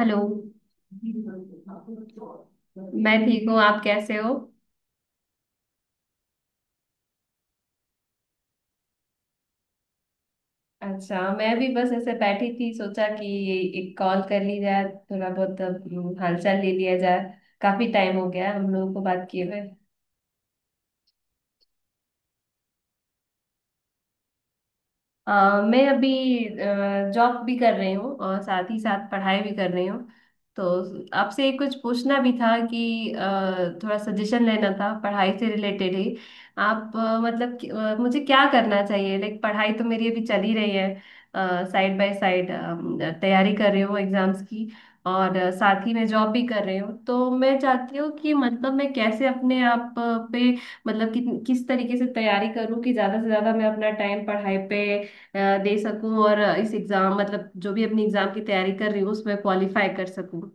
Hello. मैं ठीक हूँ, आप कैसे हो? अच्छा, मैं भी बस ऐसे बैठी थी, सोचा कि एक कॉल कर ली जाए, थोड़ा बहुत हालचाल ले लिया जाए। काफी टाइम हो गया है हम लोगों को बात किए हुए। अ, मैं अभी जॉब भी कर रही हूँ और साथ ही साथ पढ़ाई भी कर रही हूँ, तो आपसे कुछ पूछना भी था कि थोड़ा सजेशन लेना था पढ़ाई से रिलेटेड ही। आप मुझे क्या करना चाहिए, लाइक पढ़ाई तो मेरी अभी चल ही रही है, साइड बाय साइड तैयारी कर रही हूँ एग्जाम्स की, और साथ ही मैं जॉब भी कर रही हूँ। तो मैं चाहती हूँ कि मतलब मैं कैसे अपने आप पे मतलब कि, किस तरीके से तैयारी करूँ कि ज्यादा से ज्यादा मैं अपना टाइम पढ़ाई पे अ, दे सकूं और इस एग्जाम मतलब जो भी अपनी एग्जाम की तैयारी कर रही हूँ उसमें क्वालिफाई कर सकूं।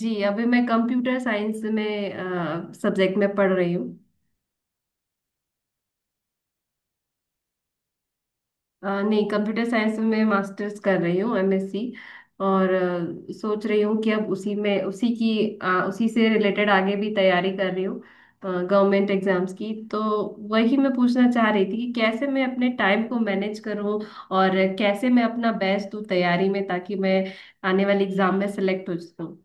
जी अभी मैं कंप्यूटर साइंस में सब्जेक्ट में पढ़ रही हूँ। नहीं, कंप्यूटर साइंस में मैं मास्टर्स कर रही हूँ, एमएससी। और सोच रही हूँ कि अब उसी में उसी की उसी से रिलेटेड आगे भी तैयारी कर रही हूँ गवर्नमेंट एग्जाम्स की। तो वही मैं पूछना चाह रही थी कि कैसे मैं अपने टाइम को मैनेज करूँ और कैसे मैं अपना बेस्ट दूँ तैयारी में, ताकि मैं आने वाले एग्जाम में सेलेक्ट हो सकूँ।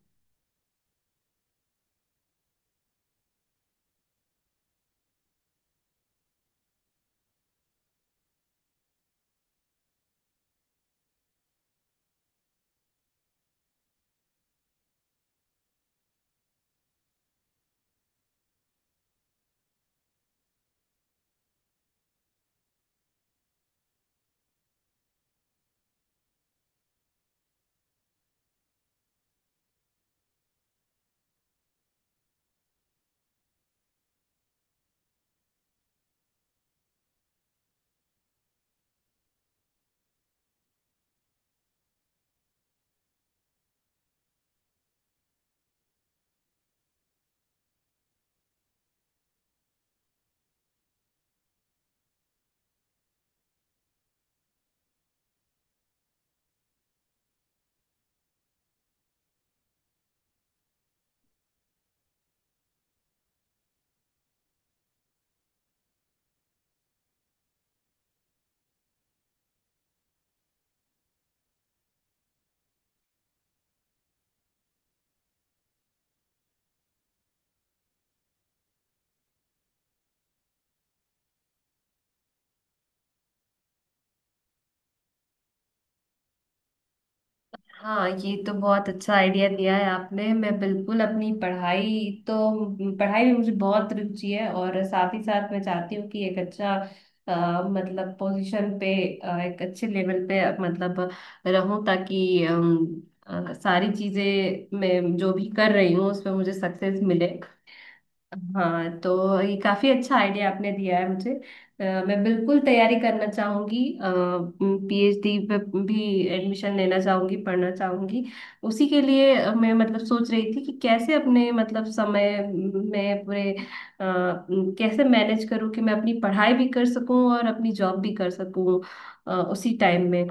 हाँ, ये तो बहुत अच्छा आइडिया दिया है आपने। मैं बिल्कुल अपनी पढ़ाई तो, पढ़ाई में मुझे बहुत रुचि है, और साथ ही साथ मैं चाहती हूँ कि एक अच्छा मतलब पोजीशन पे, एक अच्छे लेवल पे, मतलब रहूं, ताकि सारी चीजें मैं जो भी कर रही हूँ उसमें मुझे सक्सेस मिले। हाँ, तो ये काफी अच्छा आइडिया आपने दिया है मुझे। मैं बिल्कुल तैयारी करना चाहूंगी, पीएचडी पे भी एडमिशन लेना चाहूंगी, पढ़ना चाहूंगी। उसी के लिए मैं मतलब सोच रही थी कि कैसे अपने मतलब समय में पूरे कैसे मैनेज करूँ कि मैं अपनी पढ़ाई भी कर सकूँ और अपनी जॉब भी कर सकूँ उसी टाइम में।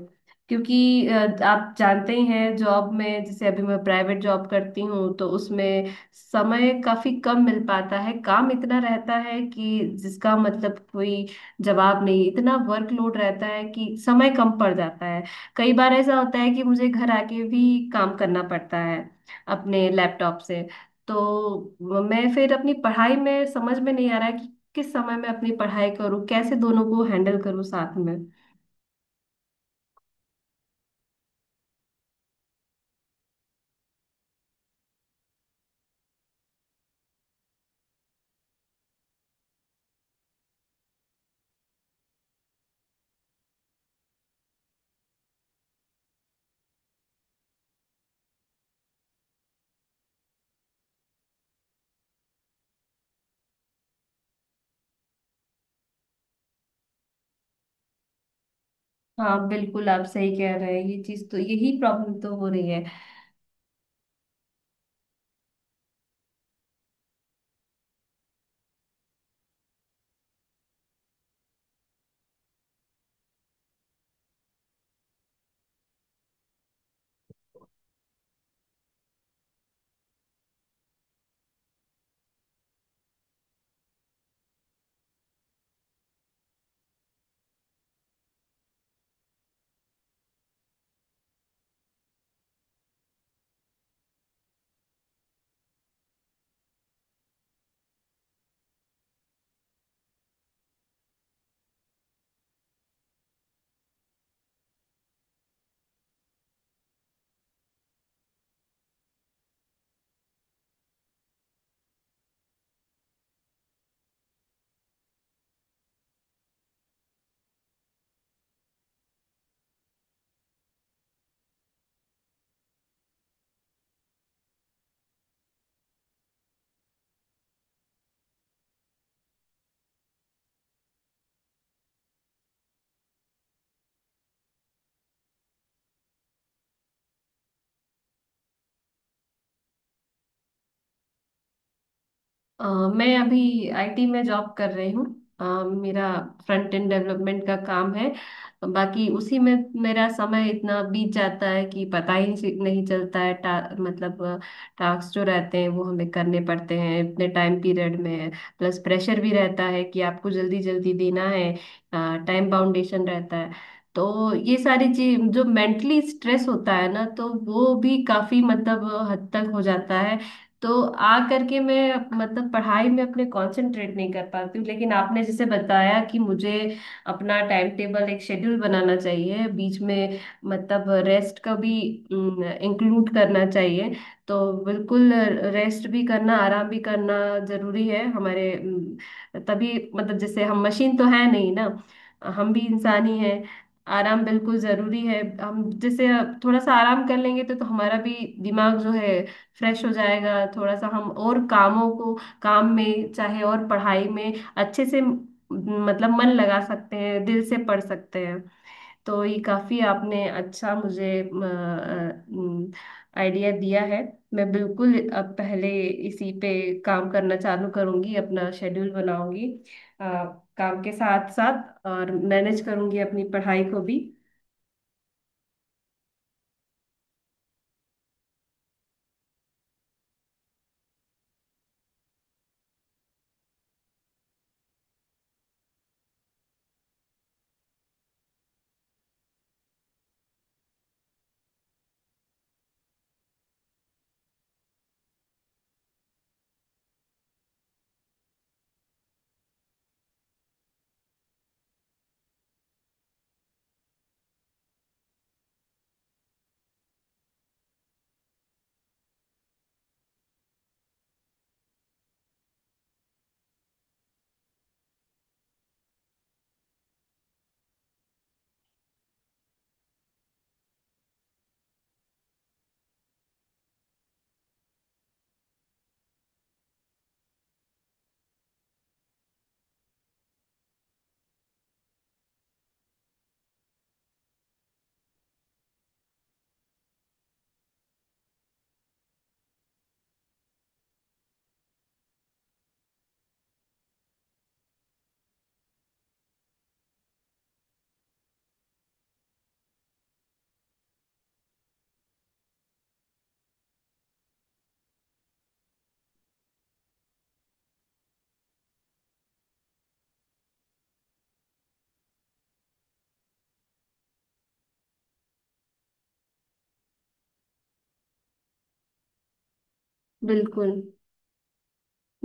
क्योंकि आप जानते ही हैं, जॉब में जैसे अभी मैं प्राइवेट जॉब करती हूँ, तो उसमें समय काफी कम मिल पाता है, काम इतना रहता है कि जिसका मतलब कोई जवाब नहीं, इतना वर्कलोड रहता है कि समय कम पड़ जाता है। कई बार ऐसा होता है कि मुझे घर आके भी काम करना पड़ता है अपने लैपटॉप से। तो मैं फिर अपनी पढ़ाई में समझ में नहीं आ रहा है कि किस समय मैं अपनी पढ़ाई करूँ, कैसे दोनों को हैंडल करूँ साथ में। हाँ बिल्कुल, आप सही कह रहे हैं, ये चीज तो, यही प्रॉब्लम तो हो रही है। अ, मैं अभी आईटी में जॉब कर रही हूँ। मेरा फ्रंट एंड डेवलपमेंट का काम है, बाकी उसी में मेरा समय इतना बीत जाता है कि पता ही नहीं नहीं चलता है। मतलब टास्क जो रहते हैं वो हमें करने पड़ते हैं इतने टाइम पीरियड में, प्लस प्रेशर भी रहता है कि आपको जल्दी जल्दी देना है, टाइम बाउंडेशन रहता है। तो ये सारी चीज जो मेंटली स्ट्रेस होता है ना, तो वो भी काफी मतलब हद तक हो जाता है। तो आ करके मैं मतलब पढ़ाई में अपने कंसंट्रेट नहीं कर पाती हूँ। लेकिन आपने जैसे बताया कि मुझे अपना टाइम टेबल, एक शेड्यूल बनाना चाहिए, बीच में मतलब रेस्ट का भी इंक्लूड करना चाहिए। तो बिल्कुल रेस्ट भी करना, आराम भी करना जरूरी है हमारे। तभी मतलब जैसे हम मशीन तो है नहीं ना, हम भी इंसान ही हैं। आराम बिल्कुल जरूरी है, हम जैसे थोड़ा सा आराम कर लेंगे तो हमारा भी दिमाग जो है फ्रेश हो जाएगा, थोड़ा सा हम और कामों को, काम में चाहे और पढ़ाई में अच्छे से मतलब मन लगा सकते हैं, दिल से पढ़ सकते हैं। तो ये काफी आपने अच्छा मुझे आइडिया दिया है। मैं बिल्कुल अब पहले इसी पे काम करना चालू करूंगी, अपना शेड्यूल बनाऊंगी, अ, काम के साथ साथ और मैनेज करूंगी अपनी पढ़ाई को भी। बिल्कुल,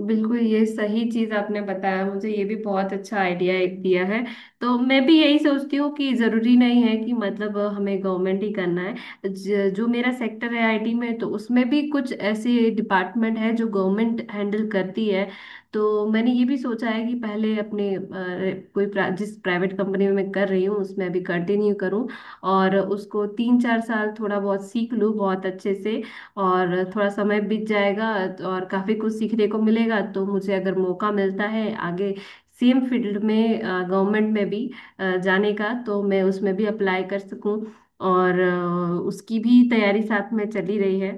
बिल्कुल ये सही चीज आपने बताया मुझे, ये भी बहुत अच्छा आइडिया एक दिया है। तो मैं भी यही सोचती हूँ कि जरूरी नहीं है कि मतलब हमें गवर्नमेंट ही करना है। जो मेरा सेक्टर है आईटी में, तो उसमें भी कुछ ऐसे डिपार्टमेंट है जो गवर्नमेंट हैंडल करती है। तो मैंने ये भी सोचा है कि पहले अपने जिस प्राइवेट कंपनी में मैं कर रही हूँ उसमें अभी कंटिन्यू करूँ, और उसको 3-4 साल थोड़ा बहुत सीख लूँ बहुत अच्छे से, और थोड़ा समय बीत जाएगा और काफी कुछ सीखने को मिलेगा। तो मुझे अगर मौका मिलता है आगे सेम फील्ड में गवर्नमेंट में भी जाने का, तो मैं उसमें भी अप्लाई कर सकूं। और उसकी भी तैयारी साथ में चली रही है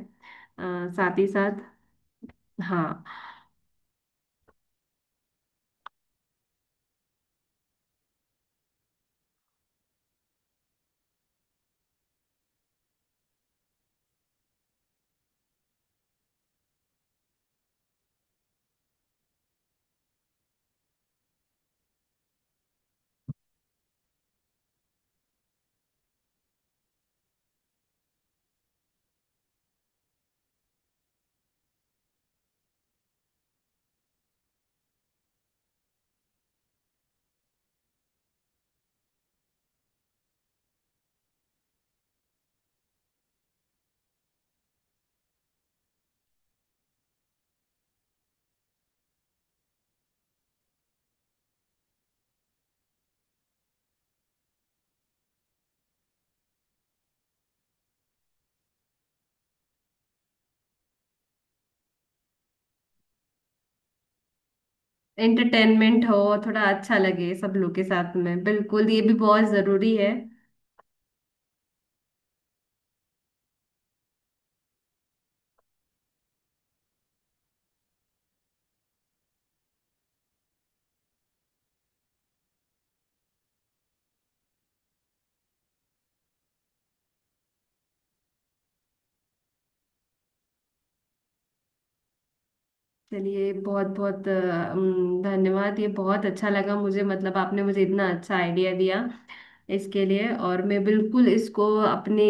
अ, साथ ही साथ। हाँ, एंटरटेनमेंट हो, थोड़ा अच्छा लगे सब लोग के साथ में, बिल्कुल ये भी बहुत जरूरी है। चलिए, बहुत बहुत धन्यवाद। ये बहुत अच्छा लगा मुझे, मतलब आपने मुझे इतना अच्छा आइडिया दिया इसके लिए, और मैं बिल्कुल इसको अपने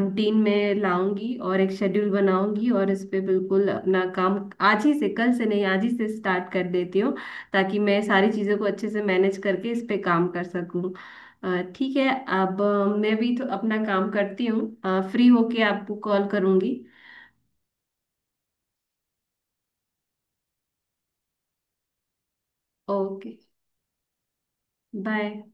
रूटीन में लाऊंगी और एक शेड्यूल बनाऊंगी, और इस पे बिल्कुल अपना काम आज ही से, कल से नहीं, आज ही से स्टार्ट कर देती हूँ, ताकि मैं सारी चीज़ों को अच्छे से मैनेज करके इस पे काम कर सकूँ। ठीक है। अब मैं भी तो अपना काम करती हूँ, फ्री होके आपको कॉल करूँगी। Okay, bye.